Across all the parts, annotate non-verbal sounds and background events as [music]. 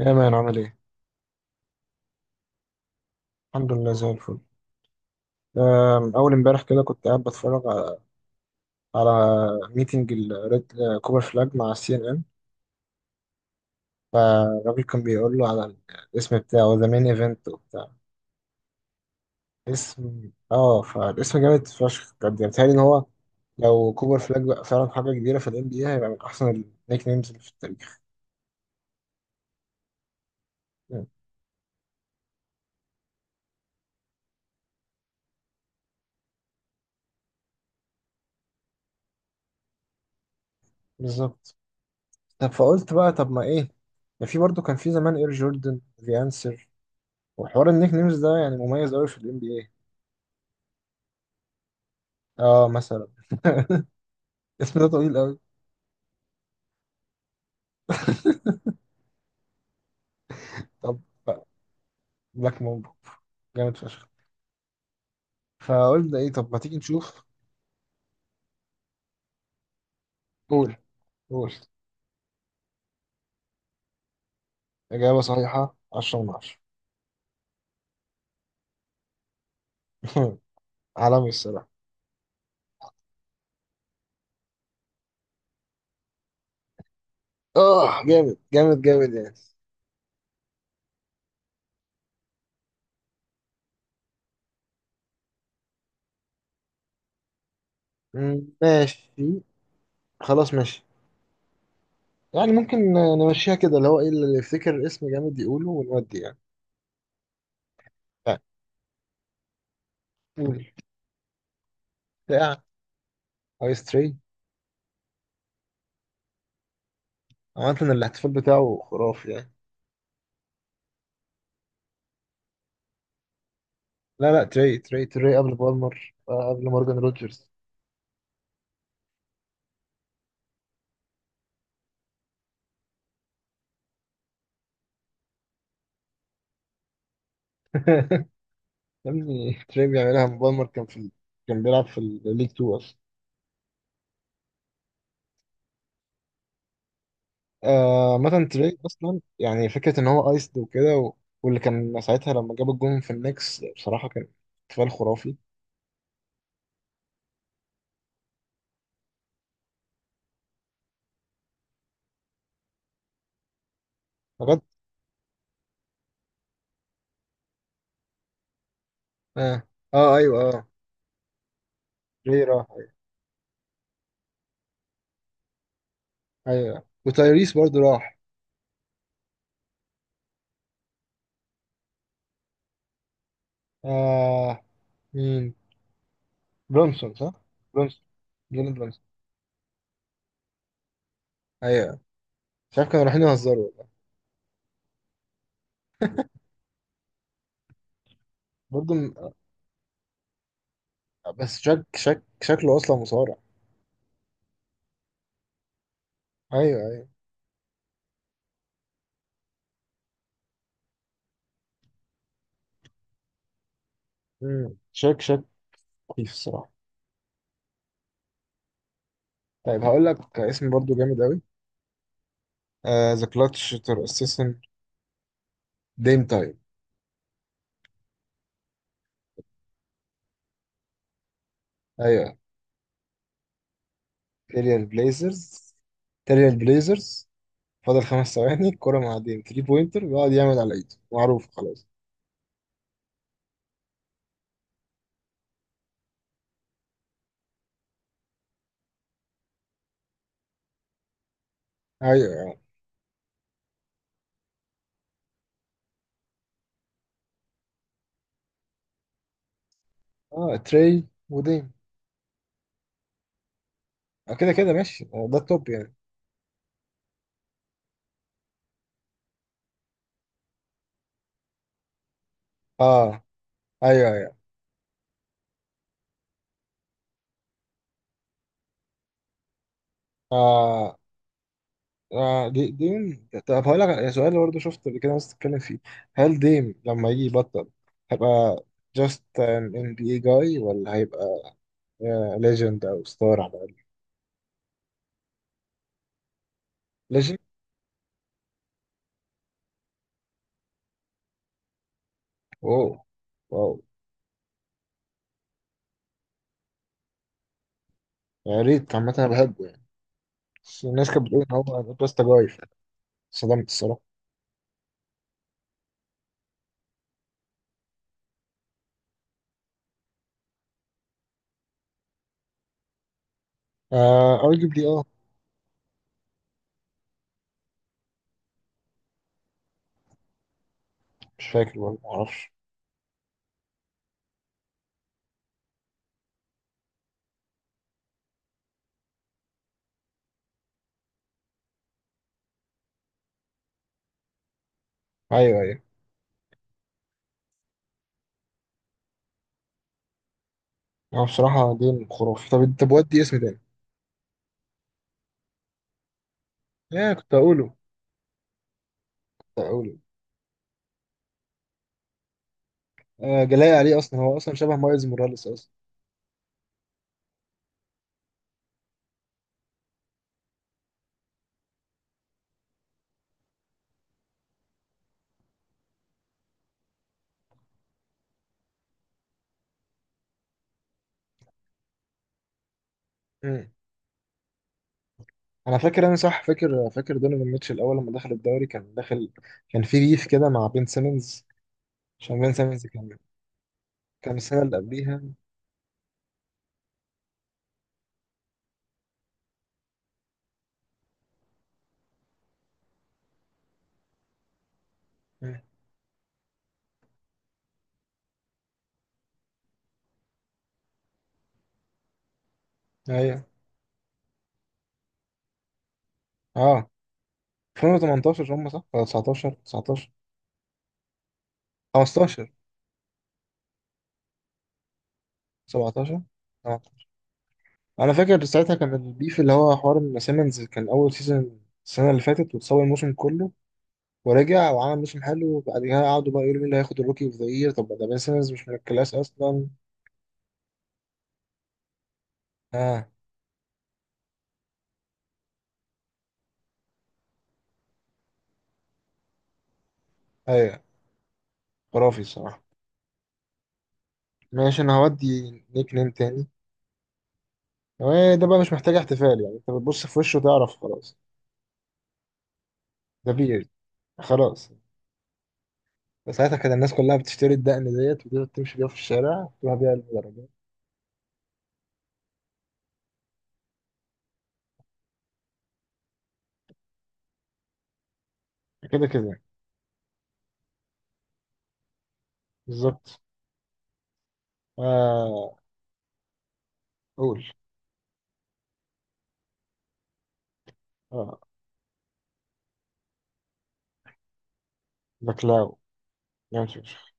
يا مان عامل ايه؟ الحمد لله زي الفل. أول امبارح كده كنت قاعد بتفرج على ميتنج الريد كوبر فلاج مع سي ان ان. فالراجل كان بيقول له على الاسم بتاعه، ذا مين ايفنت وبتاع اسم. اه فالاسم جامد فشخ بجد. يعني بيتهيألي إن هو لو كوبر فلاج بقى فعلا حاجة كبيرة في الام بي اي، هيبقى من أحسن النيك نيمز اللي في التاريخ. يعني بالظبط. طب فقلت بقى، طب ما ايه، ده في برضه كان في زمان اير جوردن ذا انسر. وحوار النيك نيمز ده يعني مميز قوي في الام بي. اه مثلا. [laughs] اسم ده طويل قوي. طب بقى، بلاك مامبو، جامد فشخ. فقلنا ايه، طب ما تيجي نشوف. قول قول. اجابه صحيحه، 10 من 10. [laughs] عالمي الصراحه. اه جامد جامد جامد يعني. مم، ماشي. خلاص ماشي. يعني ممكن نمشيها كده، اللي هو ايه اللي يفتكر اسم جامد يقوله ونودي يعني. يعني قول. بتاع عايز تري. عامة الاحتفال بتاعه خرافي يعني. لا لا، تري تري تري قبل بالمر، آه، قبل مورجان روجرز. [laughs] يا ابني تري بيعملها، مبالمر كان في كان بيلعب في الليج 2 اصلا. آه مثلا تري اصلا، يعني فكره ان هو ايسد وكده واللي كان ساعتها لما جاب الجون في النكس بصراحه كان احتفال خرافي. بجد. اه اه ايوه اه، تري راح. ايوه ايوه، وتايريس برضو راح. آه مين، برونسون صح؟ برونسون، جيلين برونسون. ايوه، مش عارف كانوا رايحين يهزروا والله. برضو م- بس شك شكله اصلا مصارع. ايوه ايوه. مم. شك كويس الصراحه. طيب هقول لك اسم برضو جامد قوي، ذا كلاتش تور اسيسن، ديم تايم. ايوه، تيريال بليزرز، تيريال بليزرز. فاضل خمس ثواني الكرة مع ديم 3 بوينتر بيقعد يعمل على ايده، معروف خلاص. ايوه أيوة. اه تري وديم، آه، كده كده ماشي، آه، ده التوب يعني. اه ايوه ايوه، اه, آه دي ديم. طب هقول لك سؤال برضه، شفت قبل كده ناس بتتكلم فيه، هل ديم لما يجي يبطل هيبقى just an NBA guy ولا هيبقى يا ليجند او ستار على الاقل؟ ليجند. واو واو. يا ريت عامه انا بحبه يعني، بس الناس كانت بتقول ان هو باستا جاي. صدمت الصراحه. آه ارجبلي اه. مش فاكر والله، ما اعرفش. ايوه ايوه. هو بصراحه دين خرافي. طب طب ودي اسم تاني. يا كنت اقوله. كنت اقوله. آه جلاي عليه اصلا، هو اصلا شبه مايلز موراليس اصلا. مم. انا فاكر، انا صح فاكر، فاكر دونيفان ميتشل الاول لما دخل الدوري كان داخل. كان في ريف كده مع بين سيمنز، عشان بين سيمنز كان كان السنه اللي قبليها. مم. ايوه. اه 2018 هم، صح ولا 19؟ 19، 15، 17، 18. انا فاكر ساعتها كان البيف اللي هو حوار ان سيمنز كان اول سيزون السنه اللي فاتت وتصور الموسم كله، ورجع وعمل موسم حلو، وبعدها قعدوا بقى يقولوا مين اللي هياخد الروكي اوف ذا يير. طب ده بين سيمنز مش من الكلاس اصلا. اه ايوه. خرافي الصراحه. ماشي انا هودي. نيك نيم تاني، آه، ده بقى مش محتاج احتفال يعني، انت بتبص في وشه تعرف خلاص. ده بيرد. خلاص. ساعتها كان الناس كلها بتشتري الدقن ديت، وتقدر تمشي بيها في الشارع، تروح بيها المدرجات. كده كده. بالظبط. آه قول. اه، باكلاو جامد فشخ.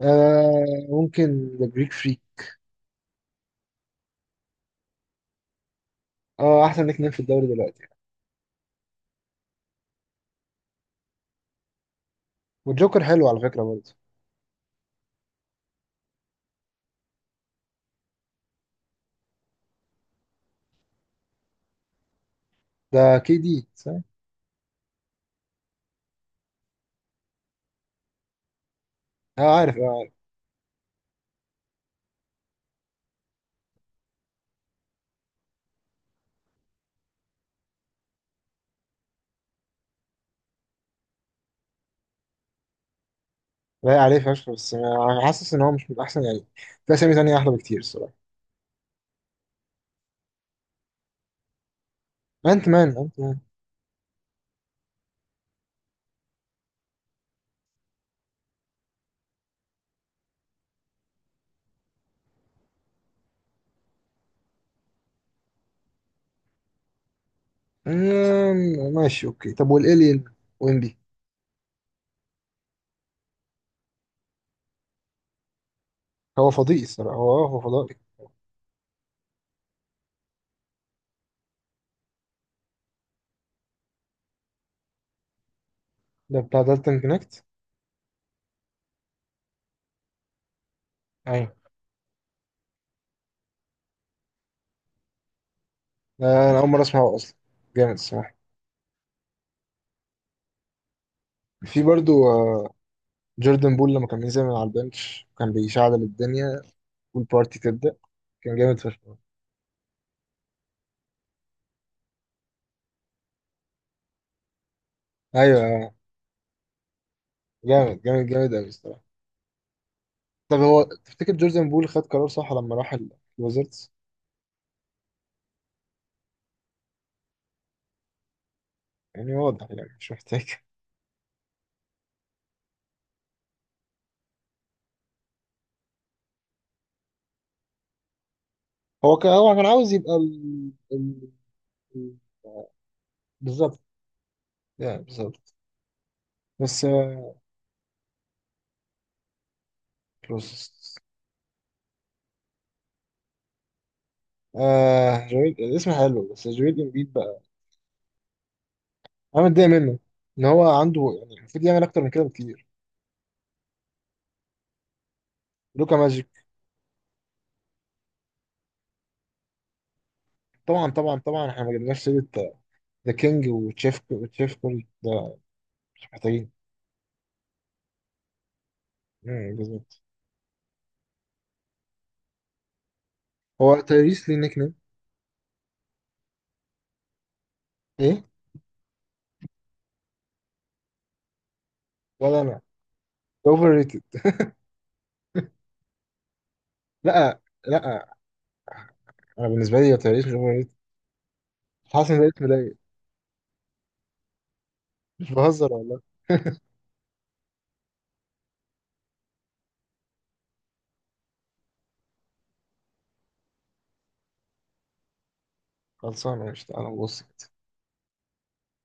آه ممكن ذا بريك فري. اه احسن نيك نيم في الدوري دلوقتي. والجوكر حلو على فكره برضه. ده كي دي صح؟ اه عارف اه عارف. لايق عليه فشخ، بس آه، أنا حاسس ان هو مش من احسن يعني. في اسامي تانية احلى بكتير الصراحه. انت مان. انت مان. مم، ماشي. اوكي طب والالين، وينبي. هو فضائي الصراحه، هو فضائي. ده بتاع دالتون كونكت. ايوه. ده انا اول مره اسمعه اصلا. جامد الصراحه. في برضه جوردن بول لما كان بينزل من على البنش كان بيشعل الدنيا والبارتي تبدأ. كان جامد فشخ. ايوه. جامد جامد جامد قوي الصراحة. طب هو تفتكر جوردن بول خد قرار صح لما راح الوزيرتس؟ يعني واضح، يعني مش محتاج. هو كان عاوز يبقى ال- بالظبط، يعني بالظبط. بس آه، بروسس. آه جويل، الاسم حلو، بس جويل امبيد بقى انا متضايق منه، ان هو عنده يعني المفروض يعمل اكتر من كده بكتير. لوكا ماجيك. طبعا طبعا طبعا احنا ما جبناش سيرة. ذا كينج وتشيف، تشيف كوري ده مش محتاجين. مم، بالظبط. هو تايريس ليه نيك نيم؟ ايه. ولا انا. اوفر ريتد. لا لا، انا بالنسبه لي تايريس مش اوفر ريتد. حاسس ان ده اسم ضايق. مش بهزر والله. [laughs] خلصانه، مش تعالى نبص.